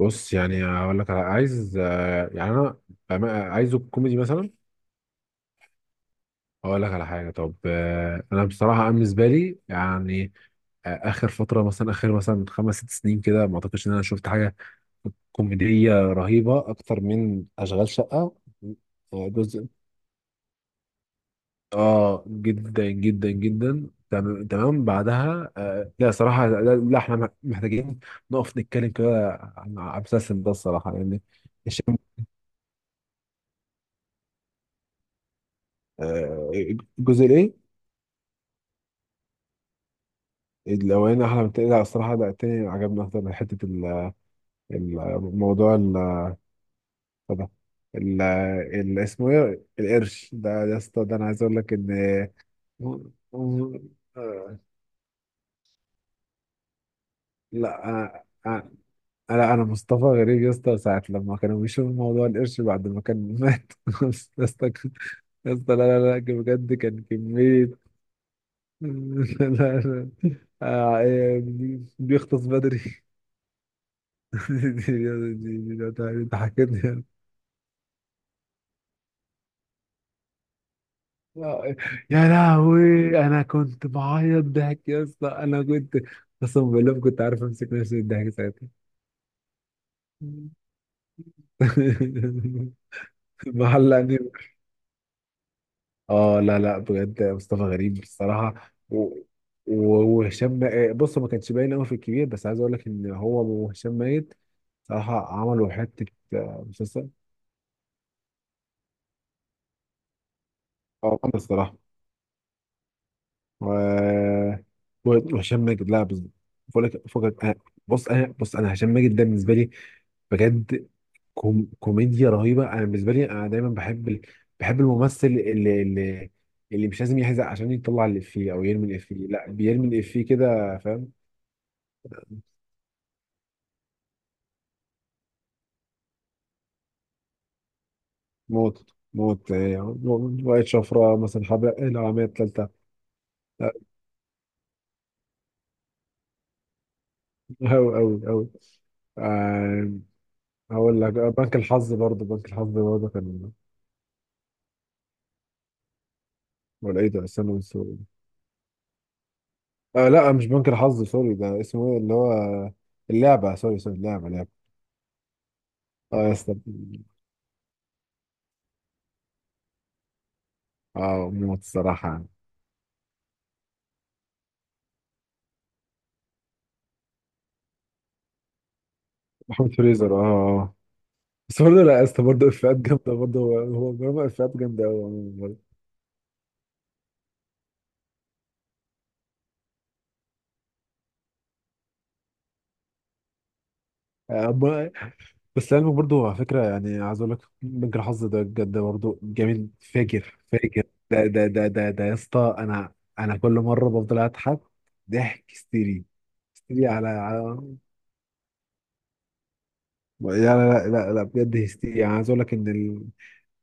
بص، يعني هقول لك على عايز، يعني انا عايزه كوميدي مثلا. هقول لك على حاجه. طب، انا بصراحه، أنا بالنسبه لي يعني اخر فتره، مثلا اخر مثلا خمس ست سنين كده، ما اعتقدش ان انا شفت حاجه كوميديه رهيبه اكتر من اشغال شقه. جزء. اه، جدا جدا جدا، تمام. بعدها لا صراحه، لا, لا احنا محتاجين نقف نتكلم كده عن المسلسل ده الصراحه يعني. هشام. آه الجزء الايه؟ الأولاني أحلى من التاني؟ لا الصراحة، لا التاني عجبني أكتر من حتة الموضوع ده. اسمه إيه، القرش ده اسطى، ده أنا عايز أقول لك إن. لا أنا، أنا- لا أنا مصطفى غريب يا اسطى، ساعة لما كانوا بيشوفوا موضوع القرش بعد ما كان مات. يا اسطى، يا اسطى، لا لا لا، بجد كان كمية. لا لا. إيه، بيغطس بدري. دي- دي- دي- دي- دي- دي- انت حكيتني. آه، يا لهوي، انا كنت بعيط ضحك يا اسطى، انا كنت قسما بالله ما كنت عارف امسك نفسي من الضحك ساعتها. معلقني. اه لا لا، بجد مصطفى غريب بصراحه، وهشام، بص، ما كانش باين قوي في الكبير، بس عايز اقول لك ان هو وهشام ميت صراحه عملوا حته. مسلسل. اه الصراحه، و و- وهشام ماجد، لا بقول لك فكك. بص انا، هشام ماجد ده بالنسبه لي بجد كوميديا رهيبه. انا بالنسبه لي انا دايما بحب بحب الممثل اللي مش لازم يحزق عشان يطلع الافيه او يرمي الافيه، لا بيرمي الافيه كده، فاهم. موت موت، وائل شفرة مثلا حبق العامية التالتة. لا، أوي أوي أوي. آه، هقول لك، بنك الحظ برضه، بنك الحظ برضه كان. ولا إيه ده، استنى بس. لا، مش بنك الحظ، سوري. ده اسمه ايه، اللي هو اللعبة، سوري سوري، اللعبة، لعبة. اه يا اسطى، اه موت الصراحة يعني. محمود فريزر، اه اه، آه. بس برضه لا يا اسطى، برضه افيهات جامدة، برضه هو هو برضه افيهات جامدة قوي عموما برضه. آه، ب- بس لعلمك برضه، على فكرة يعني عايز اقول لك بنك الحظ ده بجد برضه جميل فاجر فاجر. ده يا اسطى، انا كل مرة بفضل اضحك ضحك هستيري، هستيري على لا لا لا لا لا، بجد هستيري، يعني عايز اقول لك ان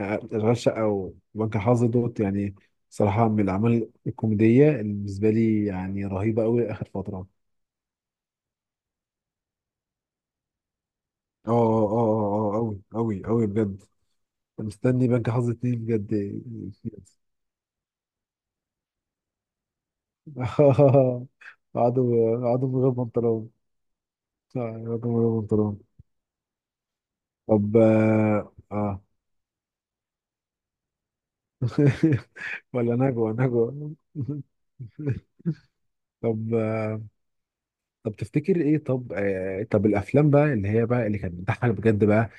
أشغال شقة أو بنك الحظ دوت يعني صراحة من الأعمال الكوميدية اللي بالنسبة لي يعني رهيبة أوي آخر فترة. اه اه اه اه، أوي أوي أوي، بجد مستني بنك حظ اتنين بجد. قعدوا قعدوا من غير بنطلون. آه، قعدوا من غير بنطلون. طب ولا نجوى نجوى. طب طب تفتكر ايه؟ طب طب الافلام بقى، اللي هي بقى اللي كانت بتضحك بجد بقى،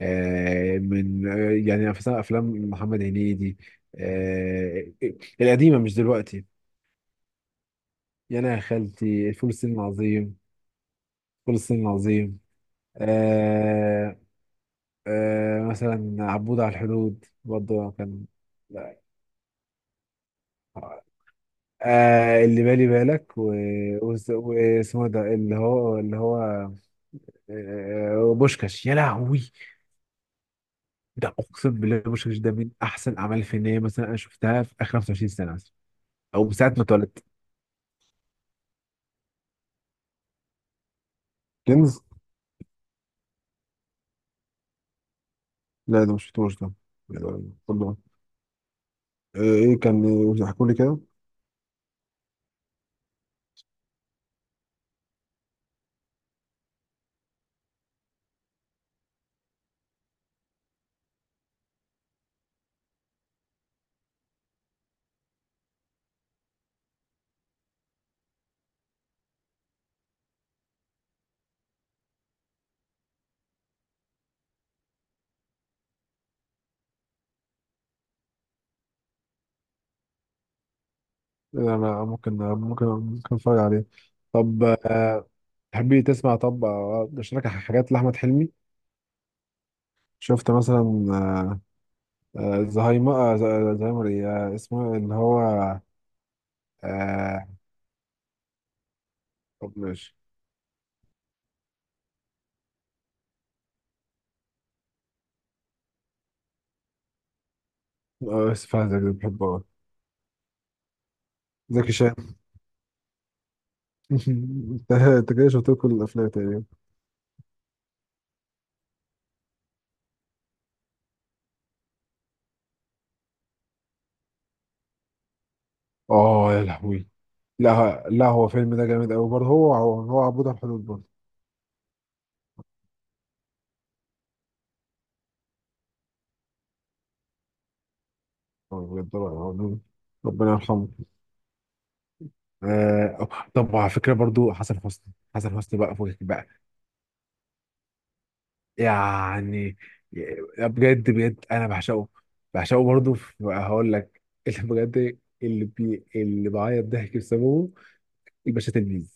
من يعني مثلا افلام محمد هنيدي، آه، القديمه مش دلوقتي. يا انا يا خالتي، فول الصين العظيم، فول الصين العظيم. آه، مثلا عبود على الحدود برضه كان. لا. اللي بالي بالك، واسمه ده، اللي هو، بوشكاش، يا لهوي. ده اقسم بالله بوشكاش ده من احسن اعمال فنيه، مثلا انا شفتها في اخر 25 سنه مثلا، او من ساعه ما اتولدت. لا ده مش شفتوش ده. آه، والله. ايه كان؟ احكوا لي كده. انا ممكن اتفرج عليه. طب تحبي تسمع؟ طب اشارك حاجات لاحمد حلمي. شفت مثلا زهايمر، زهايمر ايه، اسمه اللي هو. آه، طب ماشي. اسف على الزعج، بحبه أوي. زكي شان. أنت كده شفت له كل الافلام تقريبا. اه يا لهوي، لا لا هو فيلم ده جامد قوي برضه، هو عبود على الحدود. هو بجد رائع. ربنا يرحمه. طب على فكره برضو، حسن حسني، حسن حسني بقى فوق بقى. يعني بجد بجد انا بعشقه، بعشقه برضو. هقول لك. اللي بجد، اللي بعيط ضحك بسببه، الباشا تلميذ.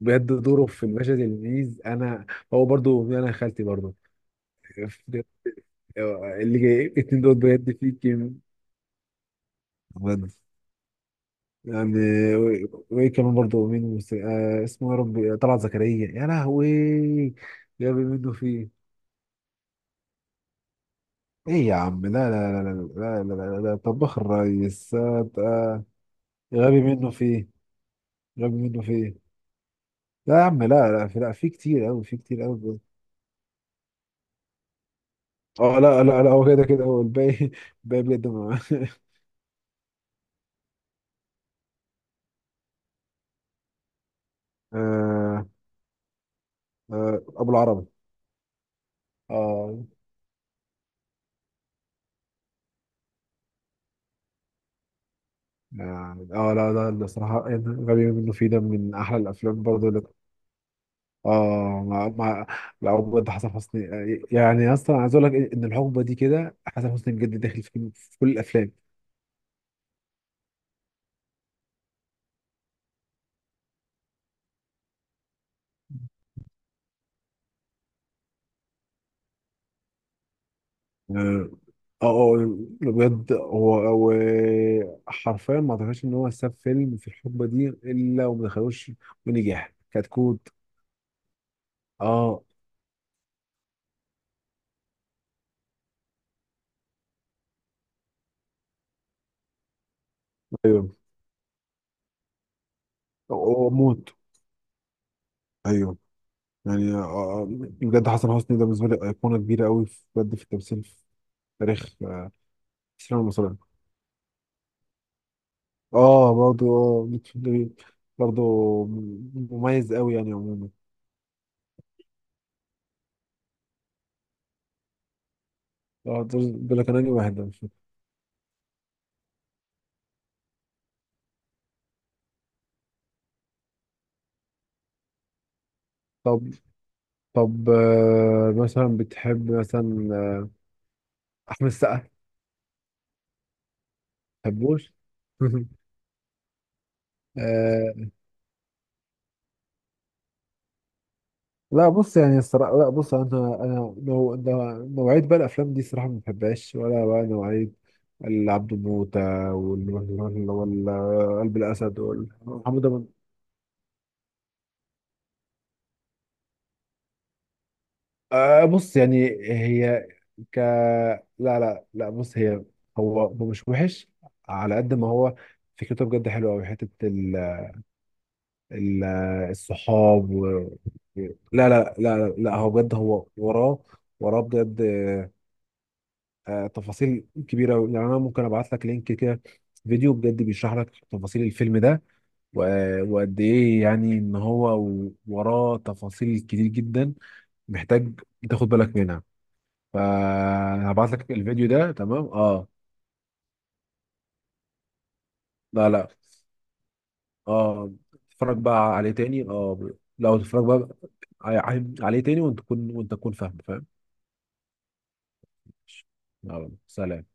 بجد دوره في الباشا تلميذ، انا. هو برضو، انا خالتي برضو، بجد. اللي جاي الاتنين دول بجد في كيم، بجد يعني. وايه كمان برضه؟ مين اسمه، يا ربي، طلعت زكريا، يا لهوي. جاب منه فيه، ايه يا عم، لا لا لا لا لا لا لا, لا, لا. طباخ الريس غبي منه فيه، غبي منه فيه. لا يا عم، لا لا، في لا في كتير قوي، في كتير قوي. اه لا لا لا، هو كده كده هو الباقي، الباقي بجد، آه ابو العربي، اه يعني. اه لا ده الصراحة، غبي منه فيه ده من احلى الافلام برضه. اه، مع لا، هو بجد حسن حسني يعني، اصلا عايز اقول لك ان الحقبه دي كده حسن حسني بجد داخل في كل الافلام. اه اه، بجد هو هو حرفيا ما اعتقدش ان هو ساب فيلم في الحقبه دي الا وما دخلوش، ونجح كتكوت. اه ايوه، وموت، ايوه يعني. آه، بجد حسن حسني ده بالنسبه لي ايقونه كبيره قوي، بجد في التمثيل، في تاريخ السينما المصريه. اه برضو، اه بيتشيلي برضو، مميز قوي يعني عموما. اه دول كانوا لي واحد ده مش فاكر. طب مثلا بتحب مثلا احمد السقا ما بتحبوش؟ آه لا بص يعني الصراحه، لا بص انا، نوعيه بقى الافلام دي الصراحه ما بحبهاش، ولا بقى نوعيه العبد موته قلب الاسد، محمد. بص يعني هي، ك لا لا لا، بص هي، هو مش وحش، على قد ما هو فكرته بجد حلوه قوي، حته ال... الصحاب لا لا لا لا، هو بجد، هو وراه، وراه بجد. تفاصيل كبيره أوي. يعني انا ممكن ابعت لك لينك كده، فيديو بجد بيشرح لك تفاصيل الفيلم ده، و... وقد ايه يعني ان هو وراه تفاصيل كتير جدا، محتاج تاخد بالك منها. فهبعت لك الفيديو ده، تمام، اه. لا لا اه، اتفرج بقى عليه تاني اه، لو تتفرج بقى عليه تاني وانت تكون، فاهم فاهم. يلا، سلام.